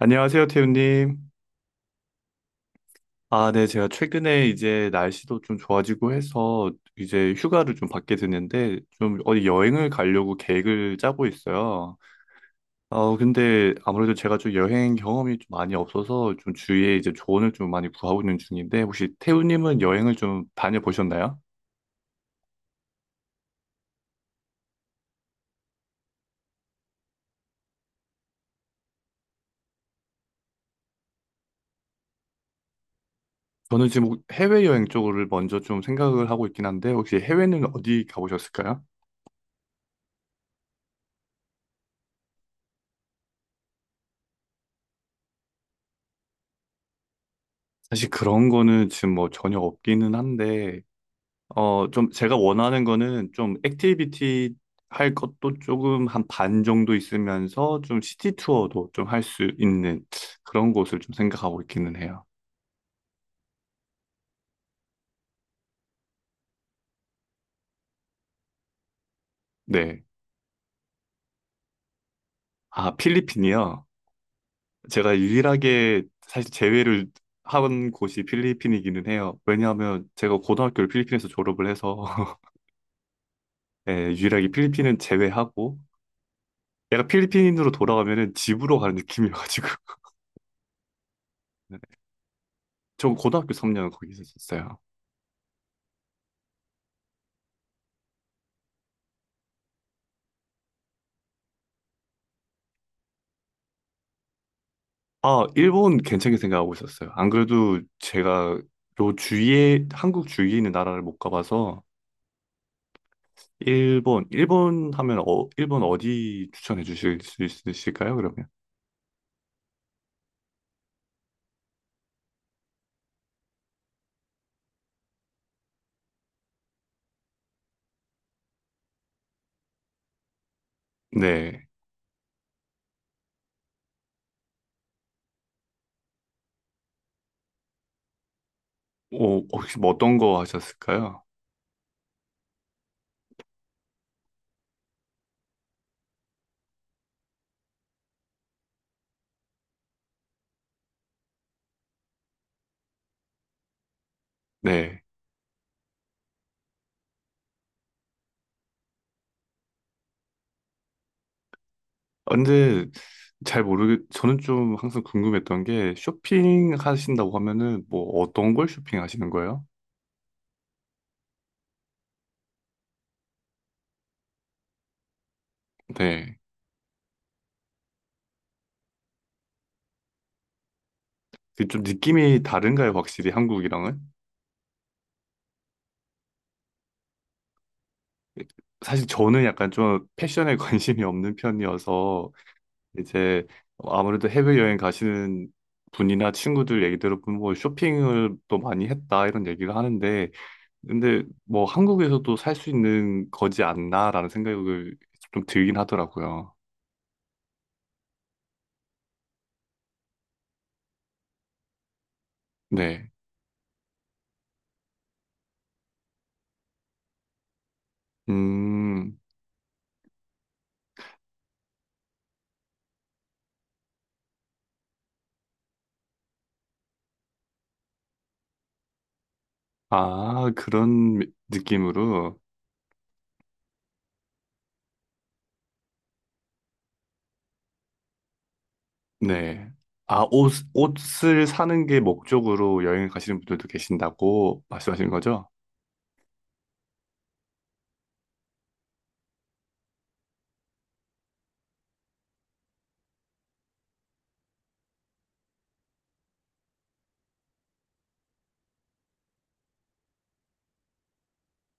안녕하세요, 태우님. 아, 네, 제가 최근에 이제 날씨도 좀 좋아지고 해서 이제 휴가를 좀 받게 됐는데 좀 어디 여행을 가려고 계획을 짜고 있어요. 근데 아무래도 제가 좀 여행 경험이 좀 많이 없어서 좀 주위에 이제 조언을 좀 많이 구하고 있는 중인데 혹시 태우님은 여행을 좀 다녀보셨나요? 저는 지금 해외여행 쪽을 먼저 좀 생각을 하고 있긴 한데 혹시 해외는 어디 가보셨을까요? 사실 그런 거는 지금 뭐 전혀 없기는 한데 좀 제가 원하는 거는 좀 액티비티 할 것도 조금 한 반 정도 있으면서 좀 시티 투어도 좀 할 수 있는 그런 곳을 좀 생각하고 있기는 해요. 네. 아, 필리핀이요. 제가 유일하게 사실 제외를 한 곳이 필리핀이기는 해요. 왜냐하면 제가 고등학교를 필리핀에서 졸업을 해서 예, 유일하게 필리핀은 제외하고 약간 필리핀으로 돌아가면은 집으로 가는 느낌이어가지고 저 고등학교 3년 거기 있었어요. 아, 일본 괜찮게 생각하고 있었어요. 안 그래도 제가 요 주위에, 한국 주위에 있는 나라를 못 가봐서, 일본 하면, 일본 어디 추천해 주실 수 있으실까요, 그러면? 네. 혹시 뭐 어떤 거 하셨을까요? 네. 아, 근데 저는 좀 항상 궁금했던 게, 쇼핑 하신다고 하면은, 뭐 어떤 걸 쇼핑 하시는 거예요? 네. 그좀 느낌이 다른가요, 확실히 한국이랑은? 사실 저는 약간 좀 패션에 관심이 없는 편이어서 이제 아무래도 해외여행 가시는 분이나 친구들 얘기 들어보면 뭐 쇼핑을 또 많이 했다 이런 얘기를 하는데 근데 뭐 한국에서도 살 수 있는 거지 않나라는 생각을 좀 들긴 하더라고요. 네. 음. 아, 그런 느낌으로. 네. 아, 옷을 사는 게 목적으로 여행 을 가시는 분들도 계신다고 말씀하신 거죠?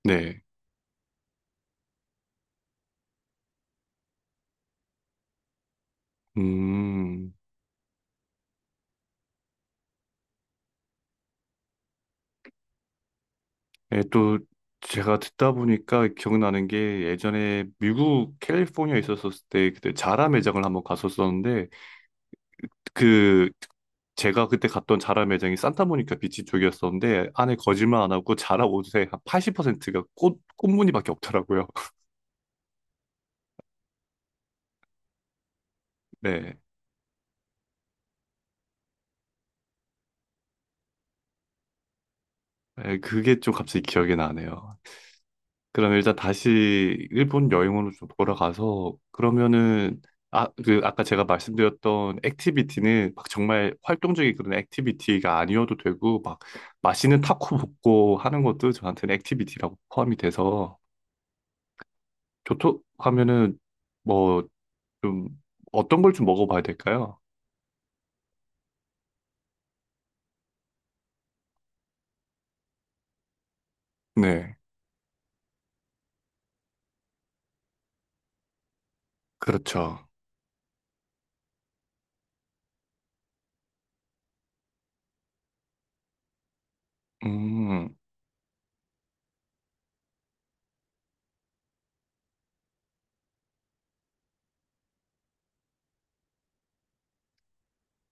네. 음, 예, 또 제가 듣다 보니까 기억나는 게 예전에 미국 캘리포니아에 있었을 때 그때 자라 매장을 한번 갔었었는데 그 제가 그때 갔던 자라 매장이 산타모니카 비치 쪽이었었는데 안에 거짓말 안 하고 자라 옷의 한 80%가 꽃무늬밖에 없더라고요. 네. 예, 그게 좀 갑자기 기억이 나네요. 그럼 일단 다시 일본 여행으로 좀 돌아가서 그러면은 아, 그 아까 제가 말씀드렸던 액티비티는 막 정말 활동적인 그런 액티비티가 아니어도 되고 막 맛있는 타코 먹고 하는 것도 저한테는 액티비티라고 포함이 돼서 교토 하면은 뭐 좀 어떤 걸 좀 먹어봐야 될까요? 네, 그렇죠. 음.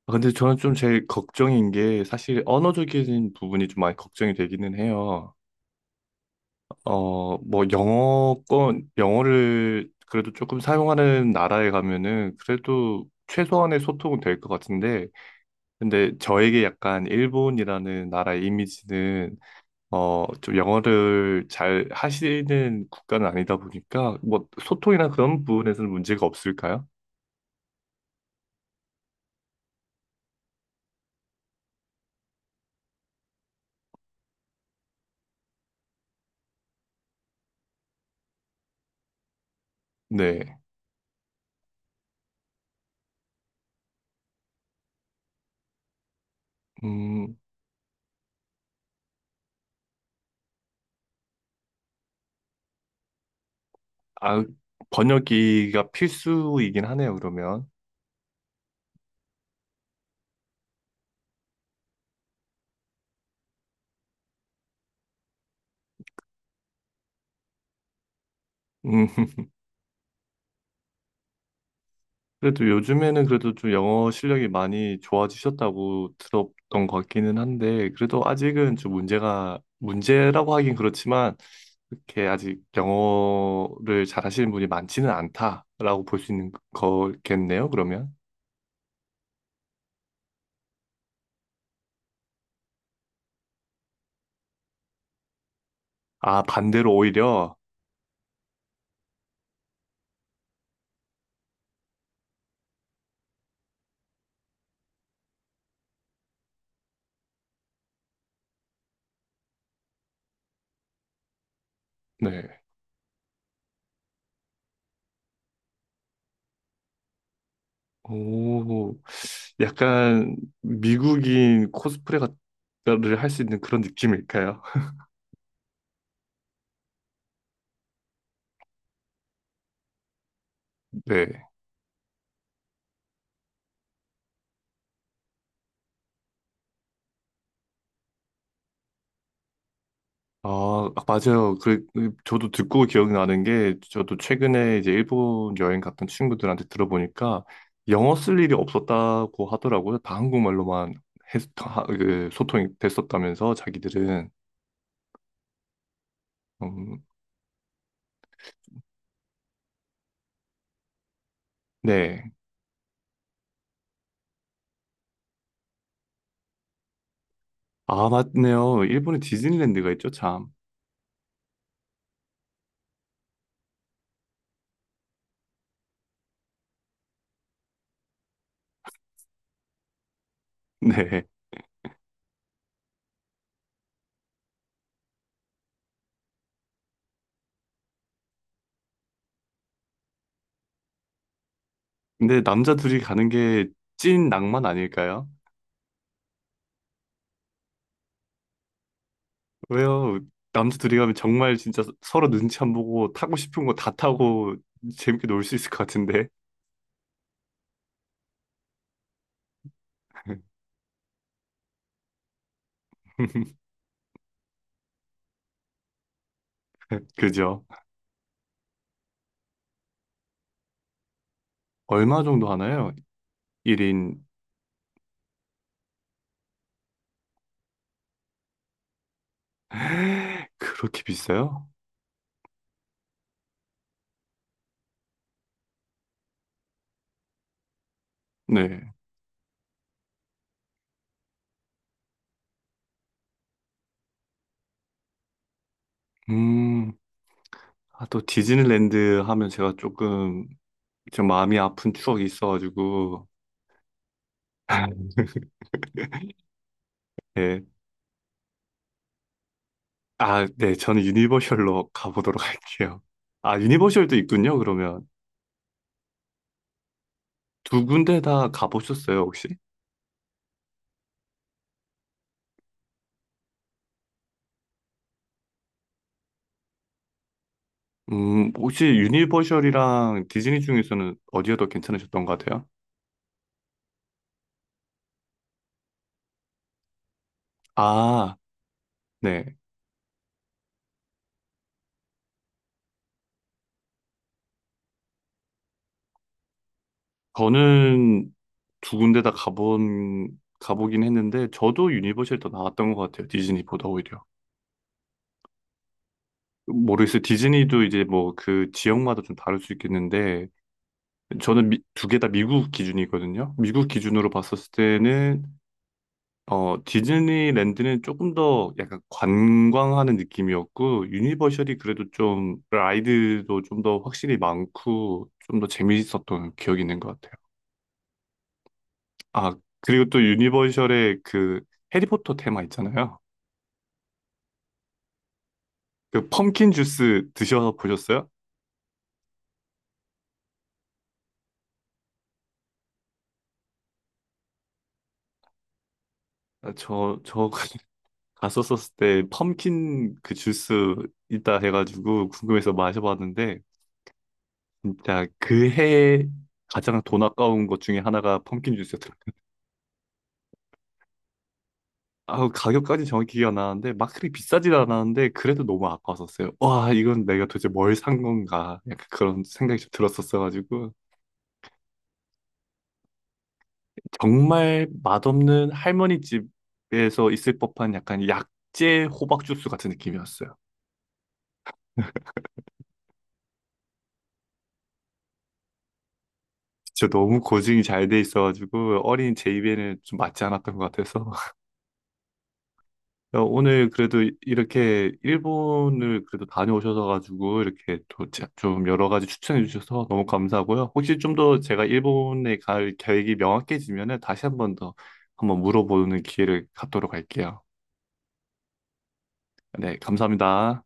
아, 근데 저는 좀 제일 걱정인 게 사실 언어적인 부분이 좀 많이 걱정이 되기는 해요. 뭐, 영어를 그래도 조금 사용하는 나라에 가면은 그래도 최소한의 소통은 될 것 같은데, 근데 저에게 약간 일본이라는 나라의 이미지는, 좀 영어를 잘 하시는 국가는 아니다 보니까, 뭐, 소통이나 그런 부분에서는 문제가 없을까요? 네. 음, 아, 번역기가 필수이긴 하네요, 그러면. 음, 그래도 요즘에는 그래도 좀 영어 실력이 많이 좋아지셨다고 들었던 것 같기는 한데, 그래도 아직은 좀 문제가, 문제라고 하긴 그렇지만, 그렇게 아직 영어를 잘하시는 분이 많지는 않다라고 볼 수 있는 거겠네요, 그러면. 아, 반대로 오히려, 네. 오, 약간 미국인 코스프레를 할 수 있는 그런 느낌일까요? 네. 아, 맞아요. 그 저도 듣고 기억나는 게, 저도 최근에 이제 일본 여행 갔던 친구들한테 들어보니까, 영어 쓸 일이 없었다고 하더라고요. 다 한국말로만 그 소통이 됐었다면서, 자기들은. 음, 네. 아, 맞네요. 일본에 디즈니랜드가 있죠, 참. 네. 근데 남자 둘이 가는 게 찐 낭만 아닐까요? 왜요? 남자 둘이 가면 정말 진짜 서로 눈치 안 보고 타고 싶은 거 다 타고 재밌게 놀 수 있을 것 같은데. 그죠? 얼마 정도 하나요? 1인 그렇게 비싸요? 네. 음, 아, 또 디즈니랜드 하면 제가 조금 좀 마음이 아픈 추억이 있어가지고 네. 아, 네. 저는 유니버셜로 가보도록 할게요. 아, 유니버셜도 있군요. 그러면 두 군데 다 가보셨어요, 혹시? 혹시 유니버셜이랑 디즈니 중에서는 어디가 더 괜찮으셨던 것 같아요? 아, 네. 저는 두 군데 다 가보긴 했는데, 저도 유니버셜 더 나왔던 것 같아요. 디즈니보다 오히려. 모르겠어요. 디즈니도 이제 뭐 그 지역마다 좀 다를 수 있겠는데, 저는 두 개 다 미국 기준이거든요. 미국 기준으로 봤었을 때는, 디즈니랜드는 조금 더 약간 관광하는 느낌이었고, 유니버셜이 그래도 좀 라이드도 좀 더 확실히 많고, 좀 더 재미있었던 기억이 있는 것 같아요. 아, 그리고 또 유니버셜의 그 해리포터 테마 있잖아요. 그 펌킨 주스 드셔서 보셨어요? 아, 저 갔었었을 때 펌킨 그 주스 있다 해가지고 궁금해서 마셔봤는데 진짜 그 해에 가장 돈 아까운 것 중에 하나가 펌킨 주스였더라고요. 아, 가격까지 정확히 기억 안 나는데 막 그리 비싸진 않았는데 그래도 너무 아까웠었어요. 와, 이건 내가 도대체 뭘 산 건가? 약간 그런 생각이 좀 들었었어가지고 정말 맛없는 할머니 집에서 있을 법한 약간 약재 호박 주스 같은 느낌이었어요. 진짜 너무 고증이 잘 돼 있어가지고 어린 제 입에는 좀 맞지 않았던 것 같아서 야, 오늘 그래도 이렇게 일본을 그래도 다녀오셔서 가지고 이렇게 또 좀 여러 가지 추천해 주셔서 너무 감사하고요. 혹시 좀 더 제가 일본에 갈 계획이 명확해지면은 다시 한 번 더 한번 물어보는 기회를 갖도록 할게요. 네, 감사합니다.